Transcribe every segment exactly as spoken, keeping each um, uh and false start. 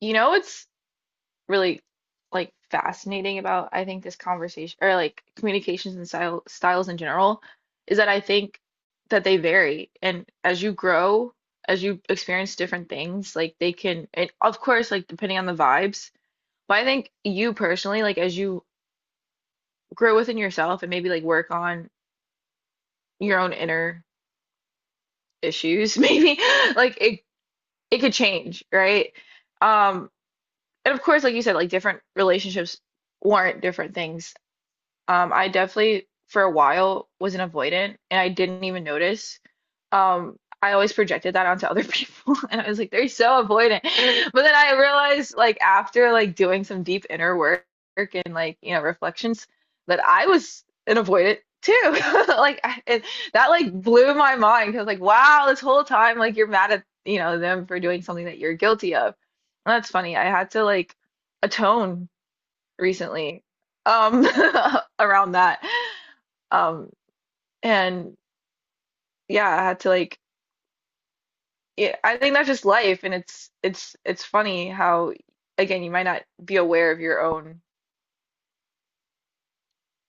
You know what's really like fascinating about I think this conversation or like communications and style styles in general is that I think that they vary, and as you grow, as you experience different things, like they can, and of course like depending on the vibes, but I think you personally like as you grow within yourself and maybe like work on your own inner issues maybe like it it could change, right? Um and of course like you said, like different relationships warrant different things. Um, I definitely for a while was an avoidant and I didn't even notice. Um, I always projected that onto other people and I was like, they're so avoidant. But then I realized like after like doing some deep inner work and like, you know, reflections that I was an avoidant too. Like I, it, that like blew my mind because like, wow, this whole time like you're mad at, you know, them for doing something that you're guilty of. And that's funny. I had to like atone recently, um around that, um and yeah, I had to like, yeah, I think that's just life and it's it's it's funny how again you might not be aware of your own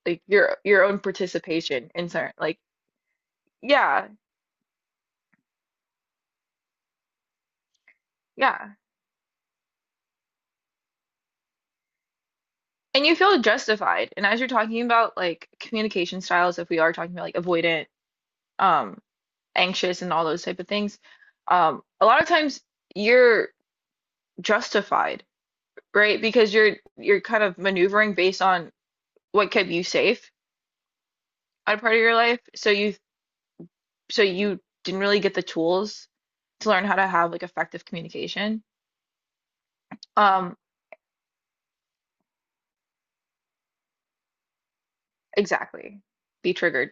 like your your own participation in certain like, yeah, yeah, and you feel justified, and as you're talking about like communication styles, if we are talking about like avoidant, um anxious and all those type of things, um a lot of times you're justified, right? Because you're you're kind of maneuvering based on what kept you safe at a part of your life. So you so you didn't really get the tools to learn how to have like effective communication. Um, exactly. Be triggered.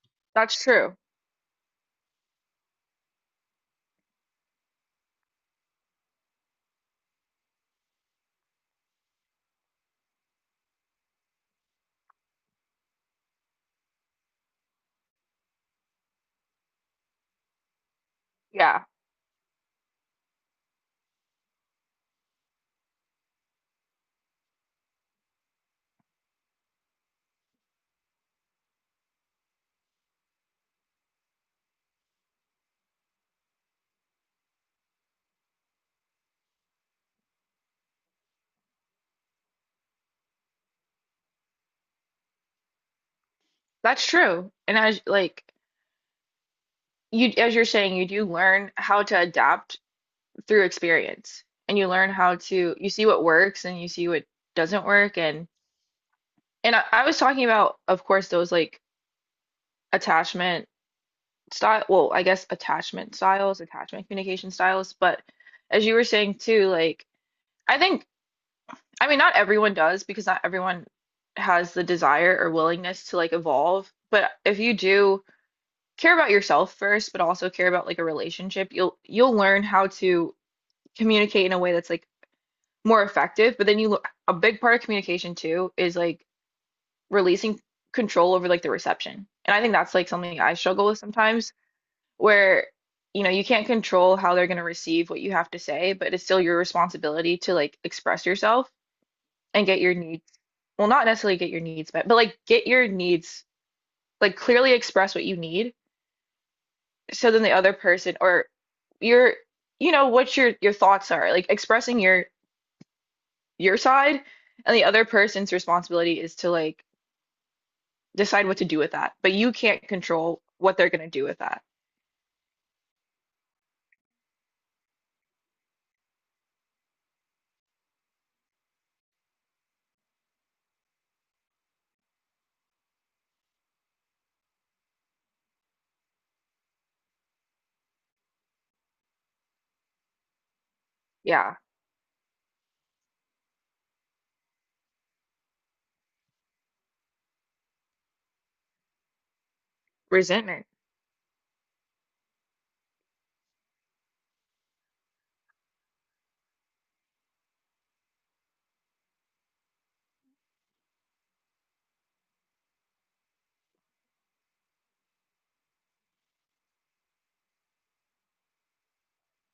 That's true. Yeah, that's true. And as like you as you're saying, you do learn how to adapt through experience. And you learn how to, you see what works and you see what doesn't work, and and I, I was talking about, of course, those like attachment style, well, I guess attachment styles, attachment communication styles, but as you were saying too, like I think, I mean not everyone does because not everyone has the desire or willingness to like evolve, but if you do care about yourself first, but also care about like a relationship, you'll you'll learn how to communicate in a way that's like more effective, but then you, a big part of communication too is like releasing control over like the reception. And I think that's like something I struggle with sometimes where you know you can't control how they're going to receive what you have to say, but it's still your responsibility to like express yourself and get your needs, well not necessarily get your needs met, but like get your needs like clearly, express what you need, so then the other person or your, you know, what your your thoughts are, like expressing your your side, and the other person's responsibility is to like decide what to do with that, but you can't control what they're going to do with that. Yeah, resentment,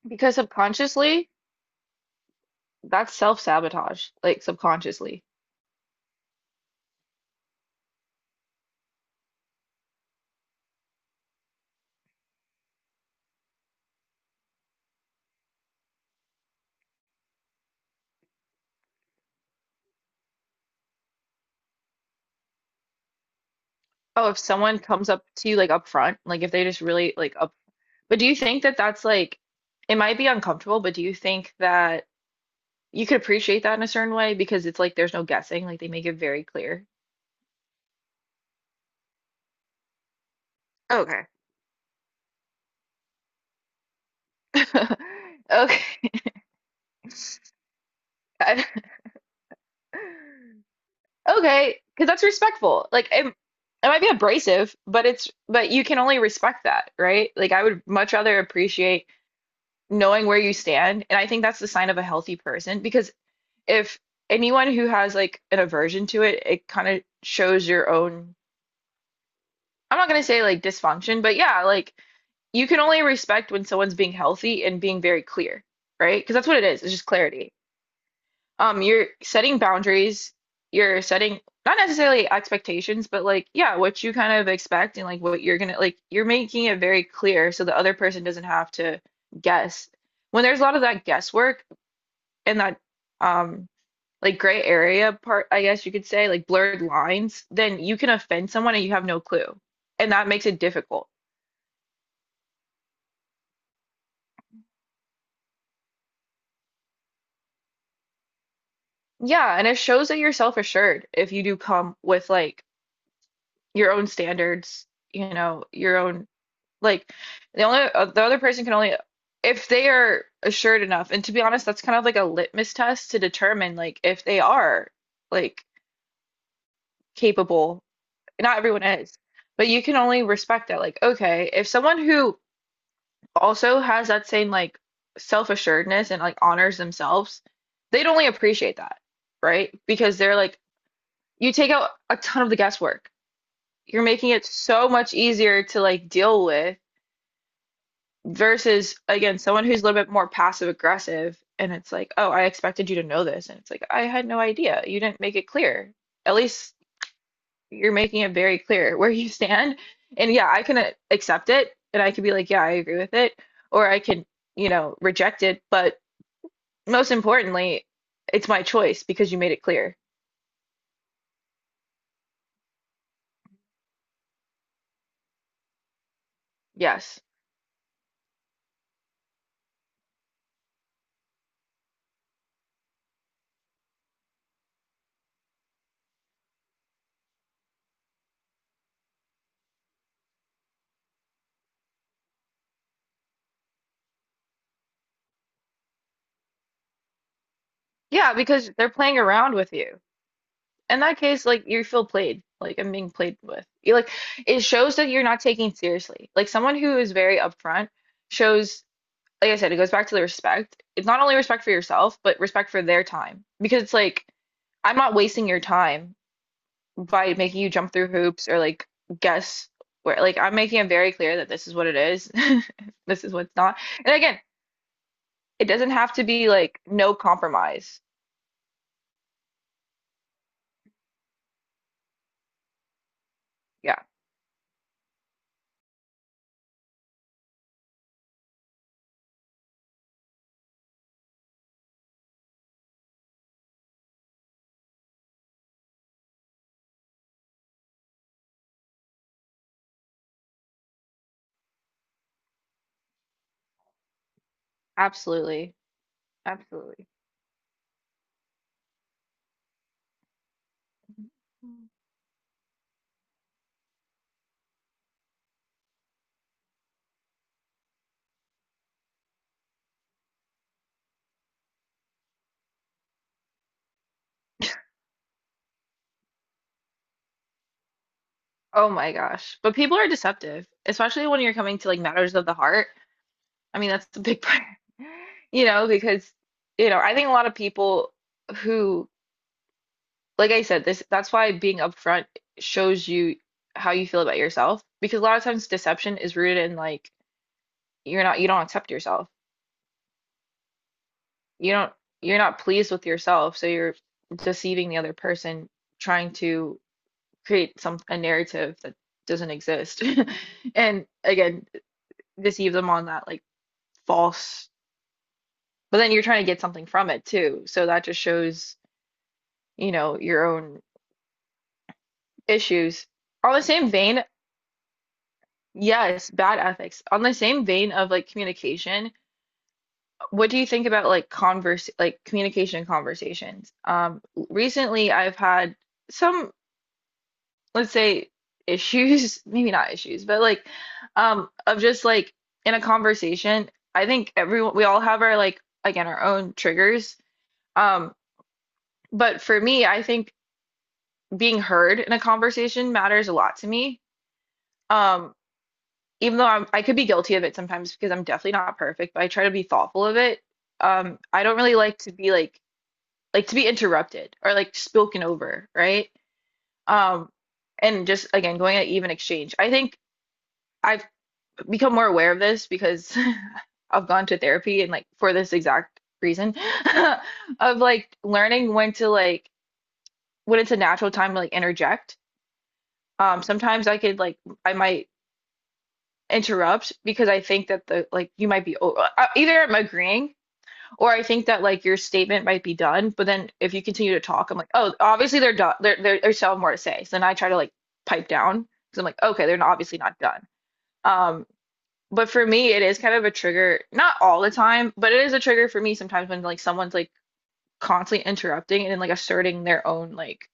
because subconsciously, that's self-sabotage, like subconsciously. Oh, if someone comes up to you like up front, like if they just really like up, but do you think that that's like, it might be uncomfortable, but do you think that you could appreciate that in a certain way, because it's like there's no guessing, like they make it very clear. Okay. Okay, I- okay, because that's respectful. Like it, it might be abrasive, but it's but you can only respect that, right? Like I would much rather appreciate knowing where you stand, and I think that's the sign of a healthy person, because if anyone who has like an aversion to it, it kind of shows your own, I'm not gonna say like dysfunction, but yeah, like you can only respect when someone's being healthy and being very clear, right? Because that's what it is. It's just clarity. Um, you're setting boundaries, you're setting not necessarily expectations, but like, yeah, what you kind of expect, and like what you're gonna like, you're making it very clear so the other person doesn't have to guess. When there's a lot of that guesswork and that, um like gray area part, I guess you could say, like blurred lines, then you can offend someone and you have no clue. And that makes it difficult. Yeah, and it shows that you're self-assured if you do come with like your own standards, you know, your own like the only uh, the other person can only if they are assured enough. And to be honest, that's kind of like a litmus test to determine like if they are like capable. Not everyone is, but you can only respect that. Like, okay, if someone who also has that same like self-assuredness and like honors themselves, they'd only appreciate that, right? Because they're like, you take out a ton of the guesswork. You're making it so much easier to like deal with, versus again, someone who's a little bit more passive aggressive and it's like, oh, I expected you to know this. And it's like, I had no idea. You didn't make it clear. At least you're making it very clear where you stand. And yeah, I can uh, accept it and I could be like, yeah, I agree with it. Or I can, you know, reject it. But most importantly, it's my choice because you made it clear. Yes. Yeah, because they're playing around with you. In that case, like you feel played. Like I'm being played with. You like it shows that you're not taking seriously. Like someone who is very upfront shows, like I said, it goes back to the respect. It's not only respect for yourself, but respect for their time. Because it's like I'm not wasting your time by making you jump through hoops or like guess, where like I'm making it very clear that this is what it is. This is what's not. And again, it doesn't have to be like no compromise. Yeah, absolutely. Absolutely. Oh my gosh. But people are deceptive, especially when you're coming to like matters of the heart. I mean, that's the big part, you know, because, you know, I think a lot of people who, like I said, this that's why being upfront shows you how you feel about yourself, because a lot of times deception is rooted in like you're not, you don't accept yourself. You don't, you're not pleased with yourself, so you're deceiving the other person, trying to create some a narrative that doesn't exist. And again, deceive them on that like false, but then you're trying to get something from it too. So that just shows, you know, your own issues. On the same vein, yes, bad ethics. On the same vein of like communication, what do you think about like converse like communication conversations? Um, recently I've had some, let's say, issues maybe not issues but like, um of just like in a conversation, I think everyone, we all have our like again our own triggers, um but for me I think being heard in a conversation matters a lot to me. um Even though I'm, I could be guilty of it sometimes because I'm definitely not perfect, but I try to be thoughtful of it. um I don't really like to be like like to be interrupted or like spoken over, right? um and just again going at even exchange, I think I've become more aware of this because I've gone to therapy and like for this exact reason of like learning when to like when it's a natural time to like interject. Um, sometimes I could like I might interrupt because I think that the like you might be o- uh, uh, either I'm agreeing or I think that like your statement might be done, but then if you continue to talk, I'm like, oh, obviously they're done. They're they're, they're still have more to say. So then I try to like pipe down because I'm like, okay, they're not, obviously not done. Um, But for me, it is kind of a trigger, not all the time, but it is a trigger for me sometimes when like someone's like constantly interrupting and like asserting their own like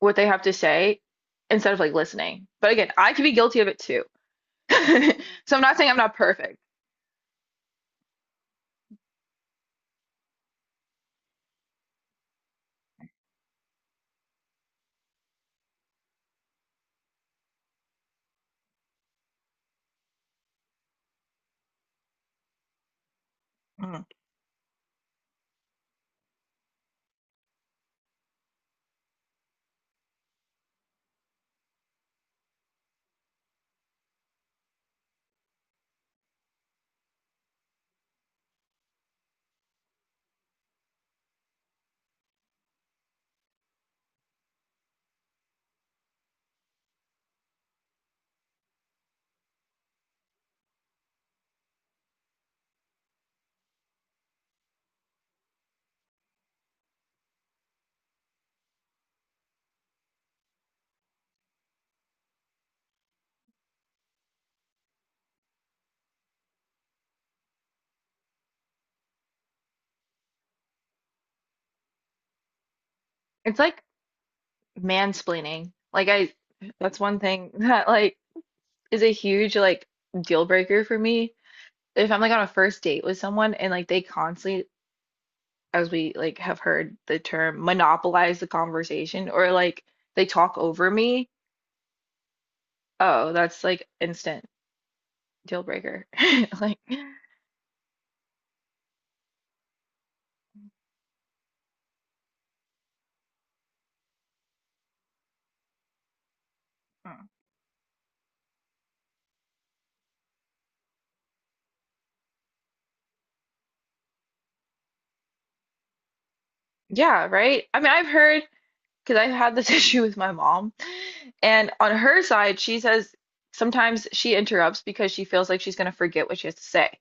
what they have to say instead of like listening. But again, I could be guilty of it too. So I'm not saying I'm not perfect. Mm. It's like mansplaining. Like I, that's one thing that like is a huge like deal breaker for me. If I'm like on a first date with someone and like they constantly, as we like have heard the term, monopolize the conversation or like they talk over me, oh, that's like instant deal breaker. Like, mm, yeah, right? I mean, I've heard because I've had this issue with my mom. And on her side, she says sometimes she interrupts because she feels like she's going to forget what she has to say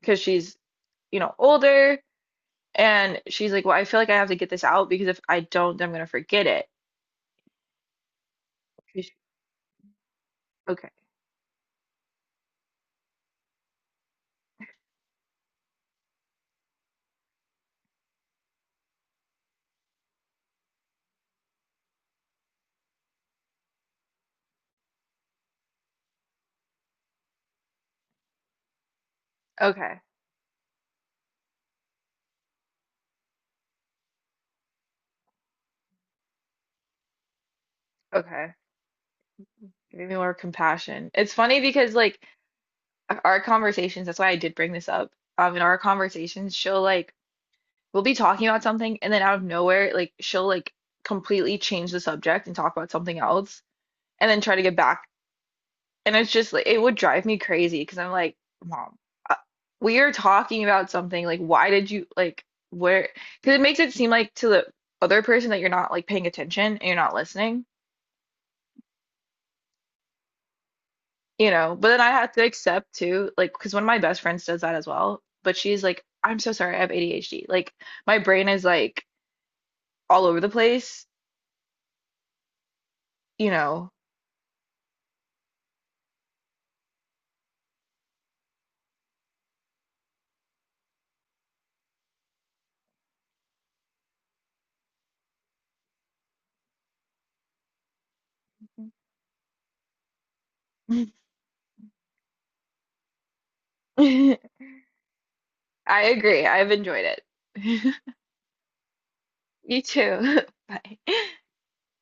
because she's, you know, older, and she's like, "Well, I feel like I have to get this out because if I don't, then I'm going to forget it." She's- Okay. Okay. Okay, maybe more compassion. It's funny because like our conversations, that's why I did bring this up. Um, in our conversations, she'll like we'll be talking about something and then out of nowhere, like she'll like completely change the subject and talk about something else and then try to get back. And it's just like it would drive me crazy because I'm like, Mom, uh, we are talking about something. Like, why did you like where? Because it makes it seem like to the other person that you're not like paying attention and you're not listening. You know, but then I have to accept too, like, because one of my best friends does that as well. But she's like, I'm so sorry, I have A D H D. Like, my brain is like all over the place, you know. I agree. I've enjoyed it. You too. Bye.